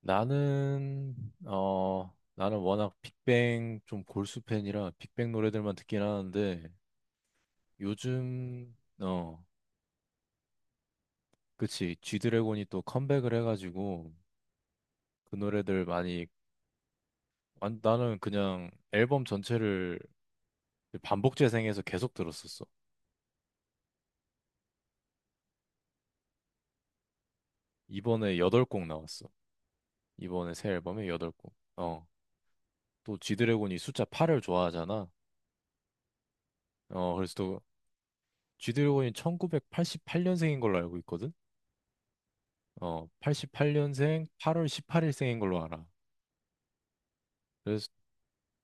나는 나는 워낙 빅뱅 좀 골수 팬이라 빅뱅 노래들만 듣긴 하는데 요즘 그치, G드래곤이 또 컴백을 해가지고 그 노래들 많이 나는 그냥 앨범 전체를 반복 재생해서 계속 들었었어. 이번에 여덟 곡 나왔어. 이번에 새 앨범에 여덟 곡 어또 G드래곤이 숫자 8을 좋아하잖아. 그래서 또 G드래곤이 1988년생인 걸로 알고, 88년생 8월 18일생인 걸로 알아. 그래서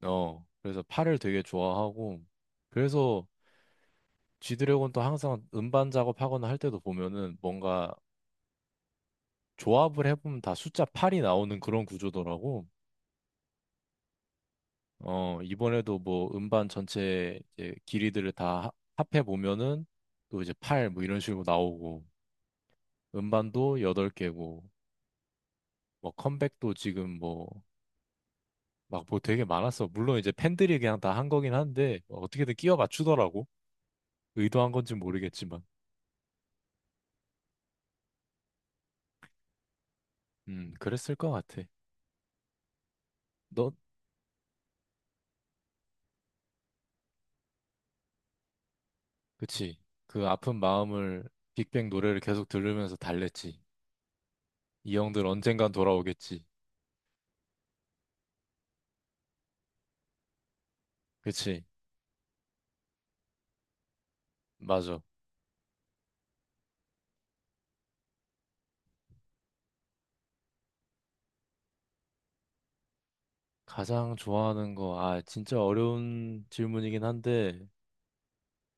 그래서 팔을 되게 좋아하고, 그래서 G드래곤도 항상 음반 작업하거나 할 때도 보면은 뭔가 조합을 해보면 다 숫자 8이 나오는 그런 구조더라고. 이번에도 뭐 음반 전체 이제 길이들을 다 합해 보면은 또 이제 8 뭐 이런 식으로 나오고, 음반도 8개고, 뭐 컴백도 지금 뭐 막 뭐 되게 많았어. 물론 이제 팬들이 그냥 다 한 거긴 한데 뭐 어떻게든 끼워 맞추더라고. 의도한 건지 모르겠지만. 그랬을 것 같아. 너, 그치. 그 아픈 마음을 빅뱅 노래를 계속 들으면서 달랬지. 이 형들 언젠간 돌아오겠지. 그치. 맞아. 가장 좋아하는 거, 아, 진짜 어려운 질문이긴 한데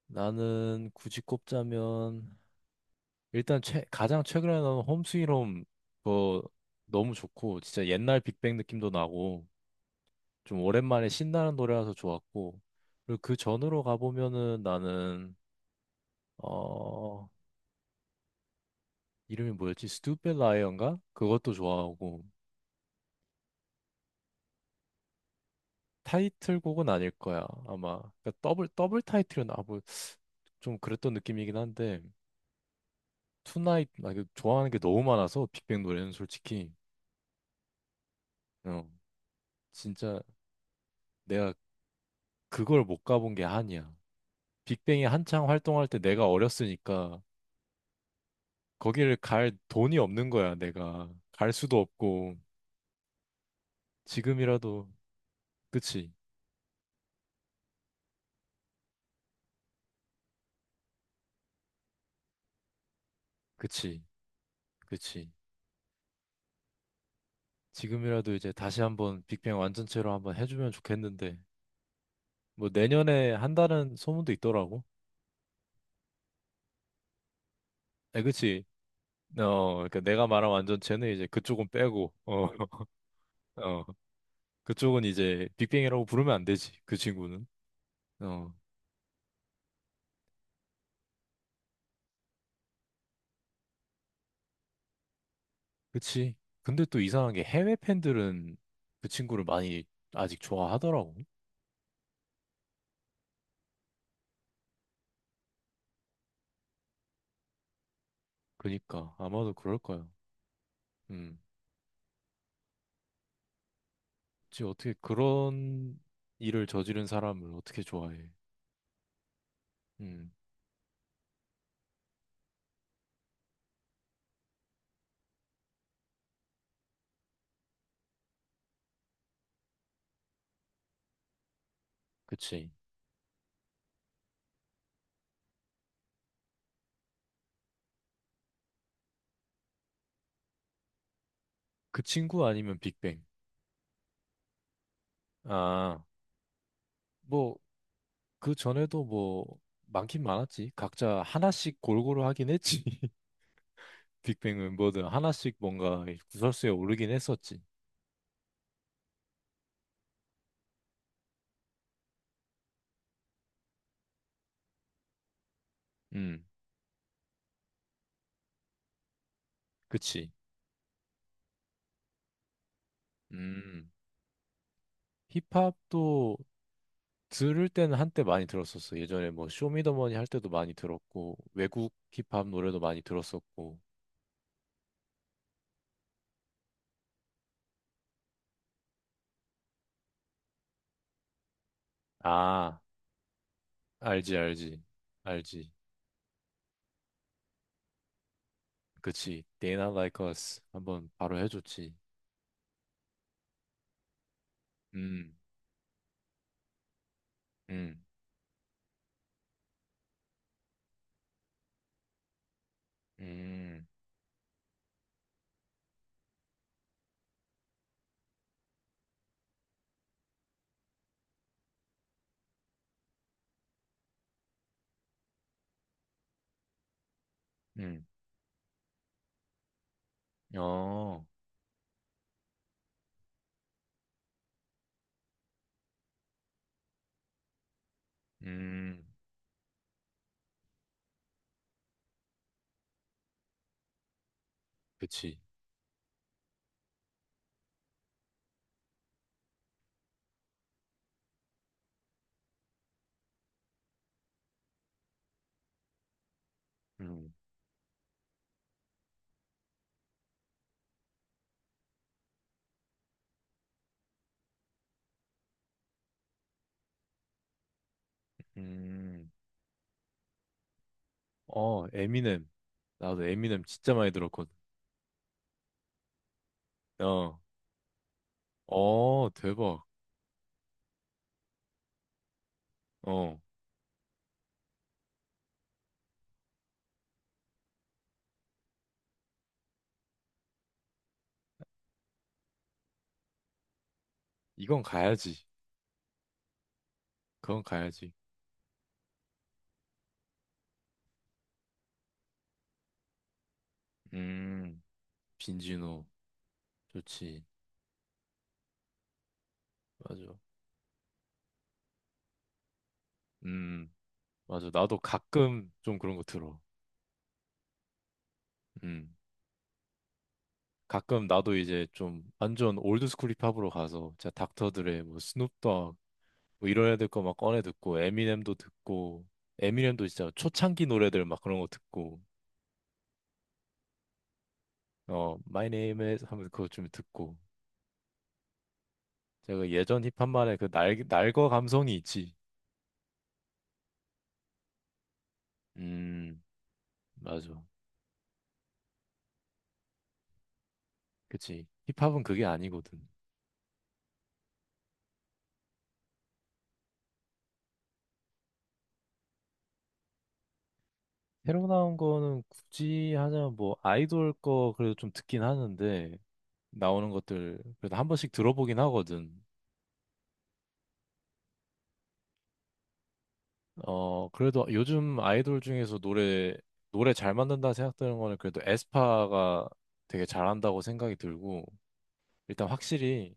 나는 굳이 꼽자면 일단 최, 가장 최근에 나온 홈스윗홈 거 너무 좋고, 진짜 옛날 빅뱅 느낌도 나고, 좀 오랜만에 신나는 노래라서 좋았고. 그리고 그 전으로 가보면은 나는 어 이름이 뭐였지? Stupid Lion가? 그것도 좋아하고. 타이틀곡은 아닐 거야 아마. 그러니까 더블 더블 타이틀은 아뭐좀 그랬던 느낌이긴 한데, 투나잇 나 이거 좋아하는 게 너무 많아서 빅뱅 노래는 솔직히. 어 진짜 내가 그걸 못 가본 게 한이야. 빅뱅이 한창 활동할 때 내가 어렸으니까 거기를 갈 돈이 없는 거야. 내가 갈 수도 없고. 지금이라도 그치. 그치. 그치. 지금이라도 이제 다시 한번 빅뱅 완전체로 한번 해주면 좋겠는데 뭐 내년에 한다는 소문도 있더라고. 에 그치. 그러니까 내가 말한 완전체는 이제 그쪽은 빼고 어 그쪽은 이제 빅뱅이라고 부르면 안 되지, 그 친구는. 어. 그치. 근데 또 이상한 게 해외 팬들은 그 친구를 많이 아직 좋아하더라고. 그니까 아마도 그럴 거야. 음. 그치, 어떻게 그런 일을 저지른 사람을 어떻게 좋아해? 음. 그치. 그 친구 아니면 빅뱅. 아, 뭐, 그 전에도 뭐, 많긴 많았지. 각자 하나씩 골고루 하긴 했지. 빅뱅은 뭐든 하나씩 뭔가 구설수에 오르긴 했었지. 음. 그치. 음, 힙합도 들을 때는 한때 많이 들었었어. 예전에 뭐, 쇼미더머니 할 때도 많이 들었고, 외국 힙합 노래도 많이 들었었고. 아, 알지, 알지, 알지. 그치. They not like us 한번 바로 해줬지. 음. 음. 음. 음. 어, 음. 그치. 음. 음. 어, 에미넴. 나도 에미넴 진짜 많이 들었거든. 어, 어, 대박. 어, 이건 가야지. 그건 가야지. 음, 빈지노. 좋지. 맞아. 음, 맞아. 나도 가끔 좀 그런 거 들어. 음 가끔 나도 이제 좀 완전 올드스쿨 힙합으로 가서 진짜 닥터들의 뭐 스눕독 뭐 이런 애들 거 막 꺼내 듣고 에미넴도 듣고 에미넴도 진짜 초창기 노래들 막 그런 거 듣고. My Name is 하면 그거 좀 듣고, 제가 예전 힙합만의 그 날, 날거 감성이 있지. 음, 맞아. 그치, 힙합은 그게 아니거든. 새로 나온 거는 굳이 하자면 뭐 아이돌 거 그래도 좀 듣긴 하는데 나오는 것들 그래도 한 번씩 들어보긴 하거든. 어, 그래도 요즘 아이돌 중에서 노래 잘 만든다 생각되는 거는 그래도 에스파가 되게 잘한다고 생각이 들고, 일단 확실히,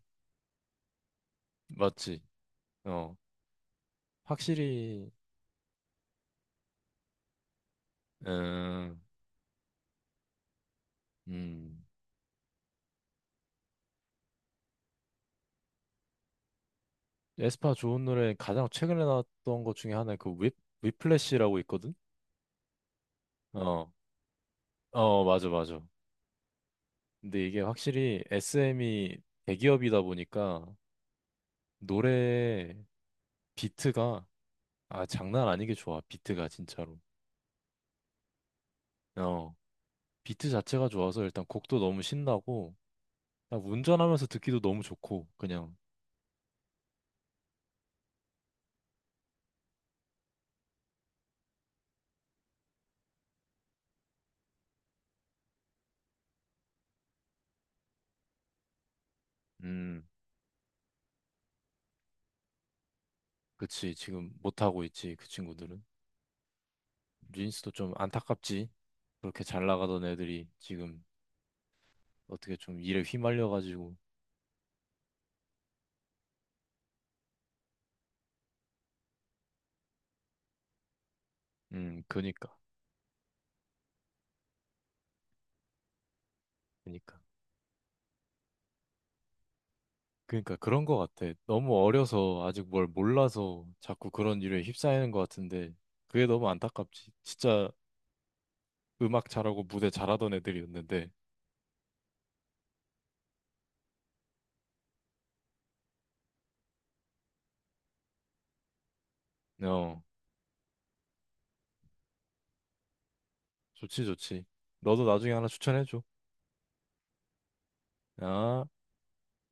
맞지? 어, 확실히. 음. 음. 에스파 좋은 노래 가장 최근에 나왔던 것 중에 하나, 그 whip, 위플래시라고 있거든? 어, 어, 맞아, 맞아. 근데 이게 확실히 SM이 대기업이다 보니까 노래 비트가, 아, 장난 아니게 좋아, 비트가 진짜로. 어. 비트 자체가 좋아서 일단 곡도 너무 신나고 그냥 운전하면서 듣기도 너무 좋고 그냥. 음. 그치, 지금 못하고 있지 그 친구들은. 린스도 좀 안타깝지. 그렇게 잘 나가던 애들이 지금 어떻게 좀 일에 휘말려가지고. 그니까 그니까 그니까 그런 거 같아. 너무 어려서 아직 뭘 몰라서 자꾸 그런 일에 휩싸이는 거 같은데 그게 너무 안타깝지 진짜. 음악 잘하고 무대 잘하던 애들이었는데. 어. 좋지 좋지. 너도 나중에 하나 추천해줘. 아,